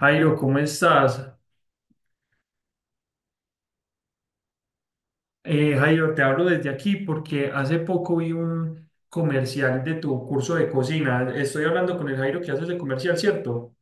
Jairo, ¿cómo estás? Jairo, te hablo desde aquí porque hace poco vi un comercial de tu curso de cocina. Estoy hablando con el Jairo que hace ese comercial, ¿cierto?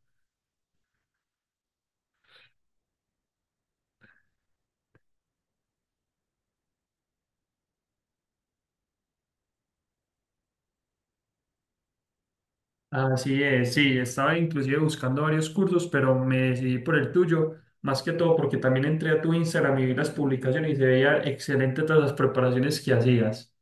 Así es, sí, estaba inclusive buscando varios cursos, pero me decidí por el tuyo, más que todo porque también entré a tu Instagram y vi las publicaciones y se veía excelente todas las preparaciones que hacías.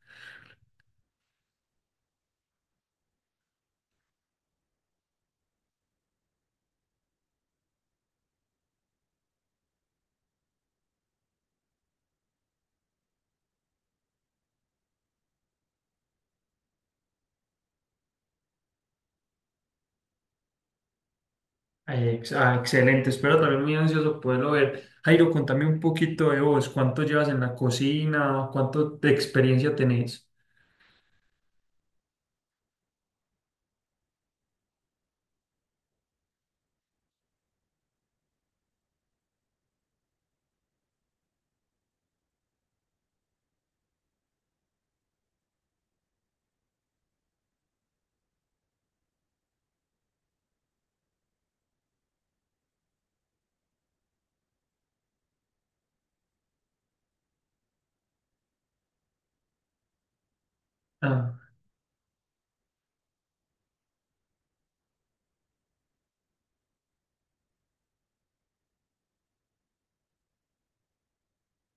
Excelente, espero también muy ansioso poderlo ver. Jairo, contame un poquito de vos, ¿cuánto llevas en la cocina? ¿Cuánto de experiencia tenés? Ah,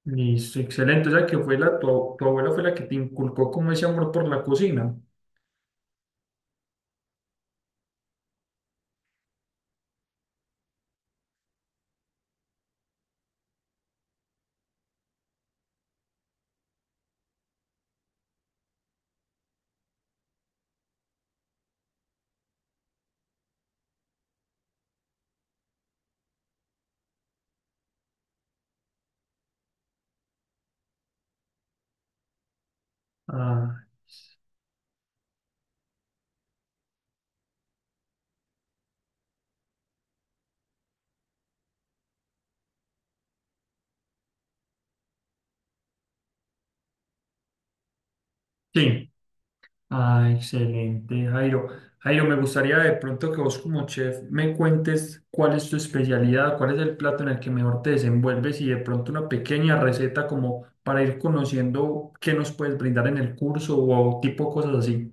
listo, excelente. O sea, que fue tu abuela fue la que te inculcó como ese amor por la cocina. Ah, sí. Ah, excelente, Jairo. Jairo, me gustaría de pronto que vos como chef me cuentes cuál es tu especialidad, cuál es el plato en el que mejor te desenvuelves y de pronto una pequeña receta como para ir conociendo qué nos puedes brindar en el curso o tipo cosas así.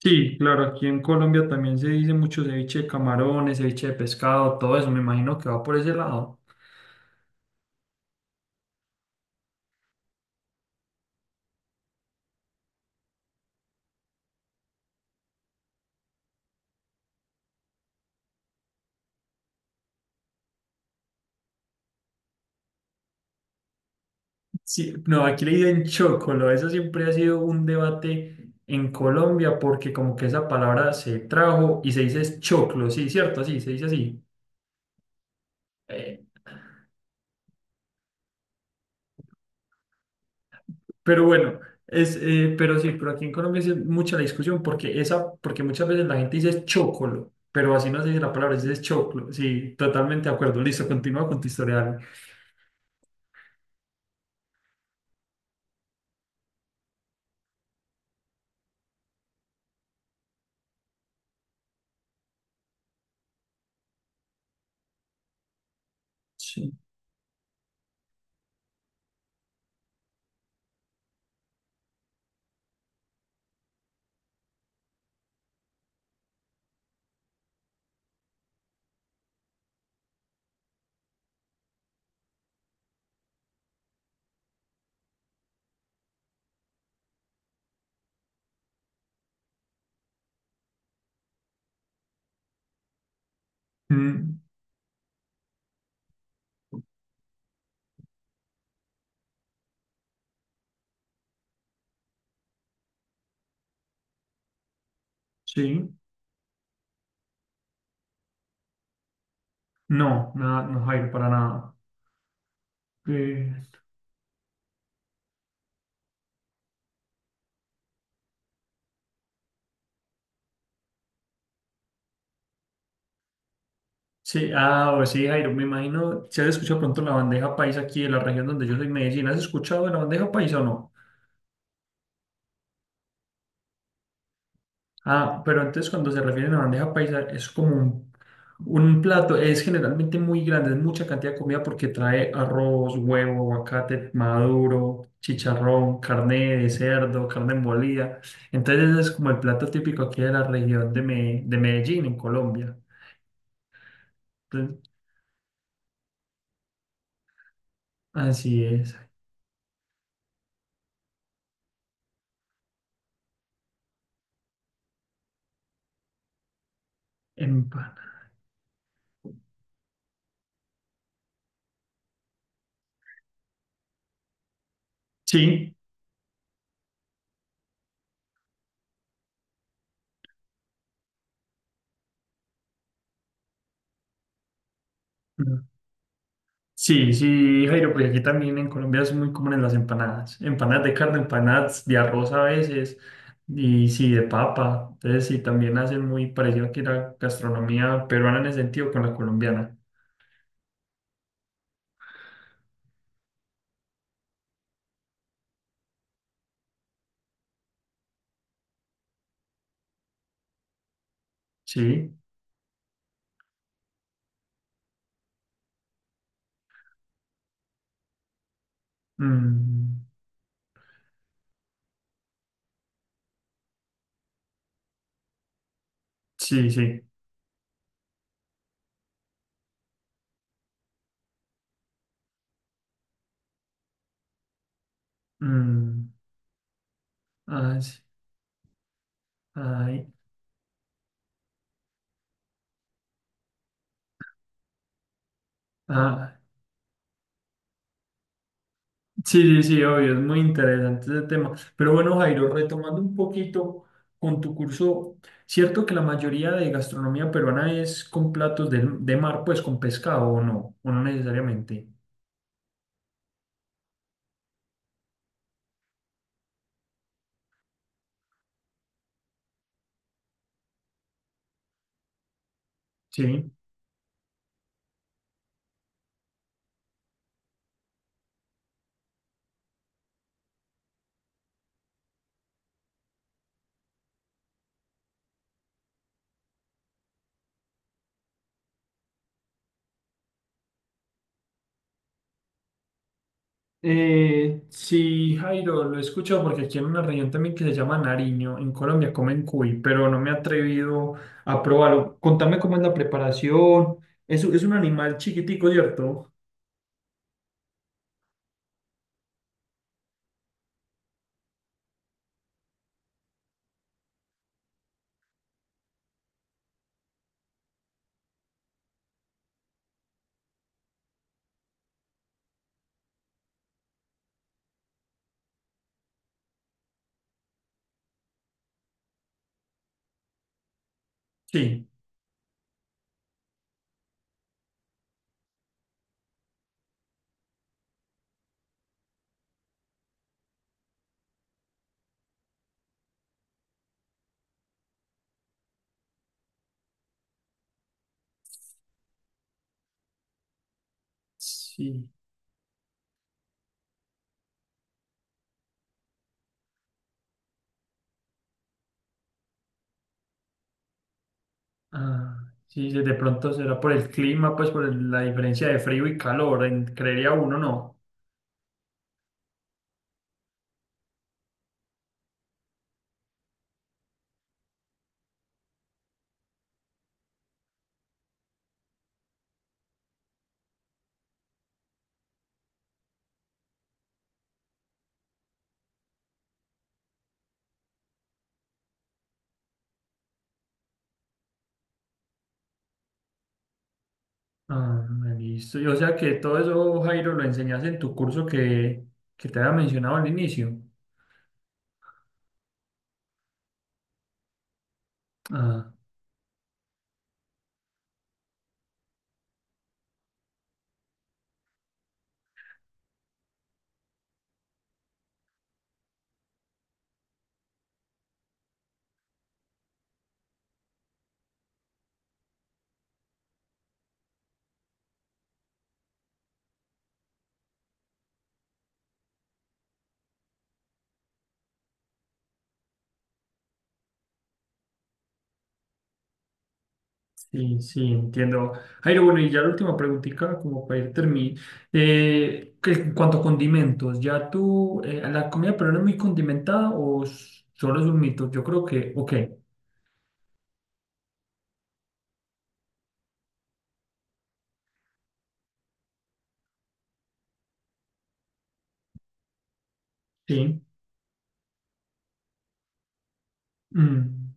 Sí, claro, aquí en Colombia también se dice mucho ceviche de camarones, ceviche de pescado, todo eso, me imagino que va por ese lado. Sí, no, aquí le dicen chocolo. Eso siempre ha sido un debate en Colombia porque como que esa palabra se trajo y se dice es choclo, sí, cierto, sí, se dice así. Eh, pero bueno, pero sí, pero aquí en Colombia sí es mucha la discusión porque esa, porque muchas veces la gente dice es chocolo, pero así no se dice la palabra, se dice es choclo. Sí, totalmente de acuerdo. Listo, continúa con tu historia. Ale. Sí. Mm, sí. No, nada, no, Jairo, para nada. Eh, Sí, ah, o sí, Jairo, me imagino, si has escuchado pronto la bandeja paisa aquí de la región donde yo soy, Medellín, ¿has escuchado de la bandeja paisa o no? Ah, pero entonces cuando se refieren a bandeja paisa es como un plato, es generalmente muy grande, es mucha cantidad de comida porque trae arroz, huevo, aguacate maduro, chicharrón, carne de cerdo, carne molida. Entonces es como el plato típico aquí de la región de, de Medellín, en Colombia. Entonces, así es, empanada. Sí. Sí, sí, Jairo, porque aquí también en Colombia son muy comunes las empanadas. Empanadas de carne, empanadas de arroz a veces, y sí, de papa. Entonces, sí, también hacen muy parecido aquí la gastronomía peruana en ese sentido con la colombiana. Sí, mm, sí, sí. Mm, ah, sí, ay, ah, sí, sí, sí, obvio, es muy interesante ese tema. Pero bueno, Jairo, retomando un poquito con tu curso, cierto que la mayoría de gastronomía peruana es con platos de mar, pues con pescado o no necesariamente. Sí. Sí, Jairo, lo he escuchado porque aquí en una región también que se llama Nariño, en Colombia comen cuy, pero no me he atrevido a probarlo. Contame cómo es la preparación. Es un animal chiquitico, ¿cierto? Sí. Sí. Ah, sí, sí, de pronto será por el clima, pues por la diferencia de frío y calor, creería uno, ¿no? Ah, listo. Y o sea que todo eso, Jairo, lo enseñas en tu curso que te había mencionado al inicio. Ah, sí, sí, entiendo. Jairo, bueno, y ya la última preguntita, como para ir terminando. Que en cuanto a condimentos, ¿ya tú, la comida peruana es muy condimentada o solo es un mito? Yo creo que, ok, sí. Mm,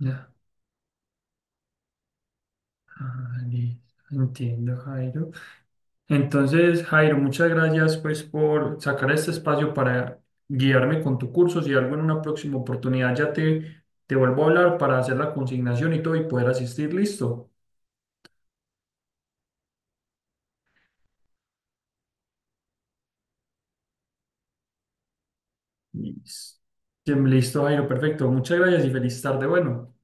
ya. Ah, listo. Entiendo, Jairo. Entonces, Jairo, muchas gracias pues por sacar este espacio para guiarme con tu curso. Si algo en una próxima oportunidad ya te vuelvo a hablar para hacer la consignación y todo y poder asistir, listo. Listo, Listo, Jairo, perfecto. Muchas gracias y feliz tarde. Bueno.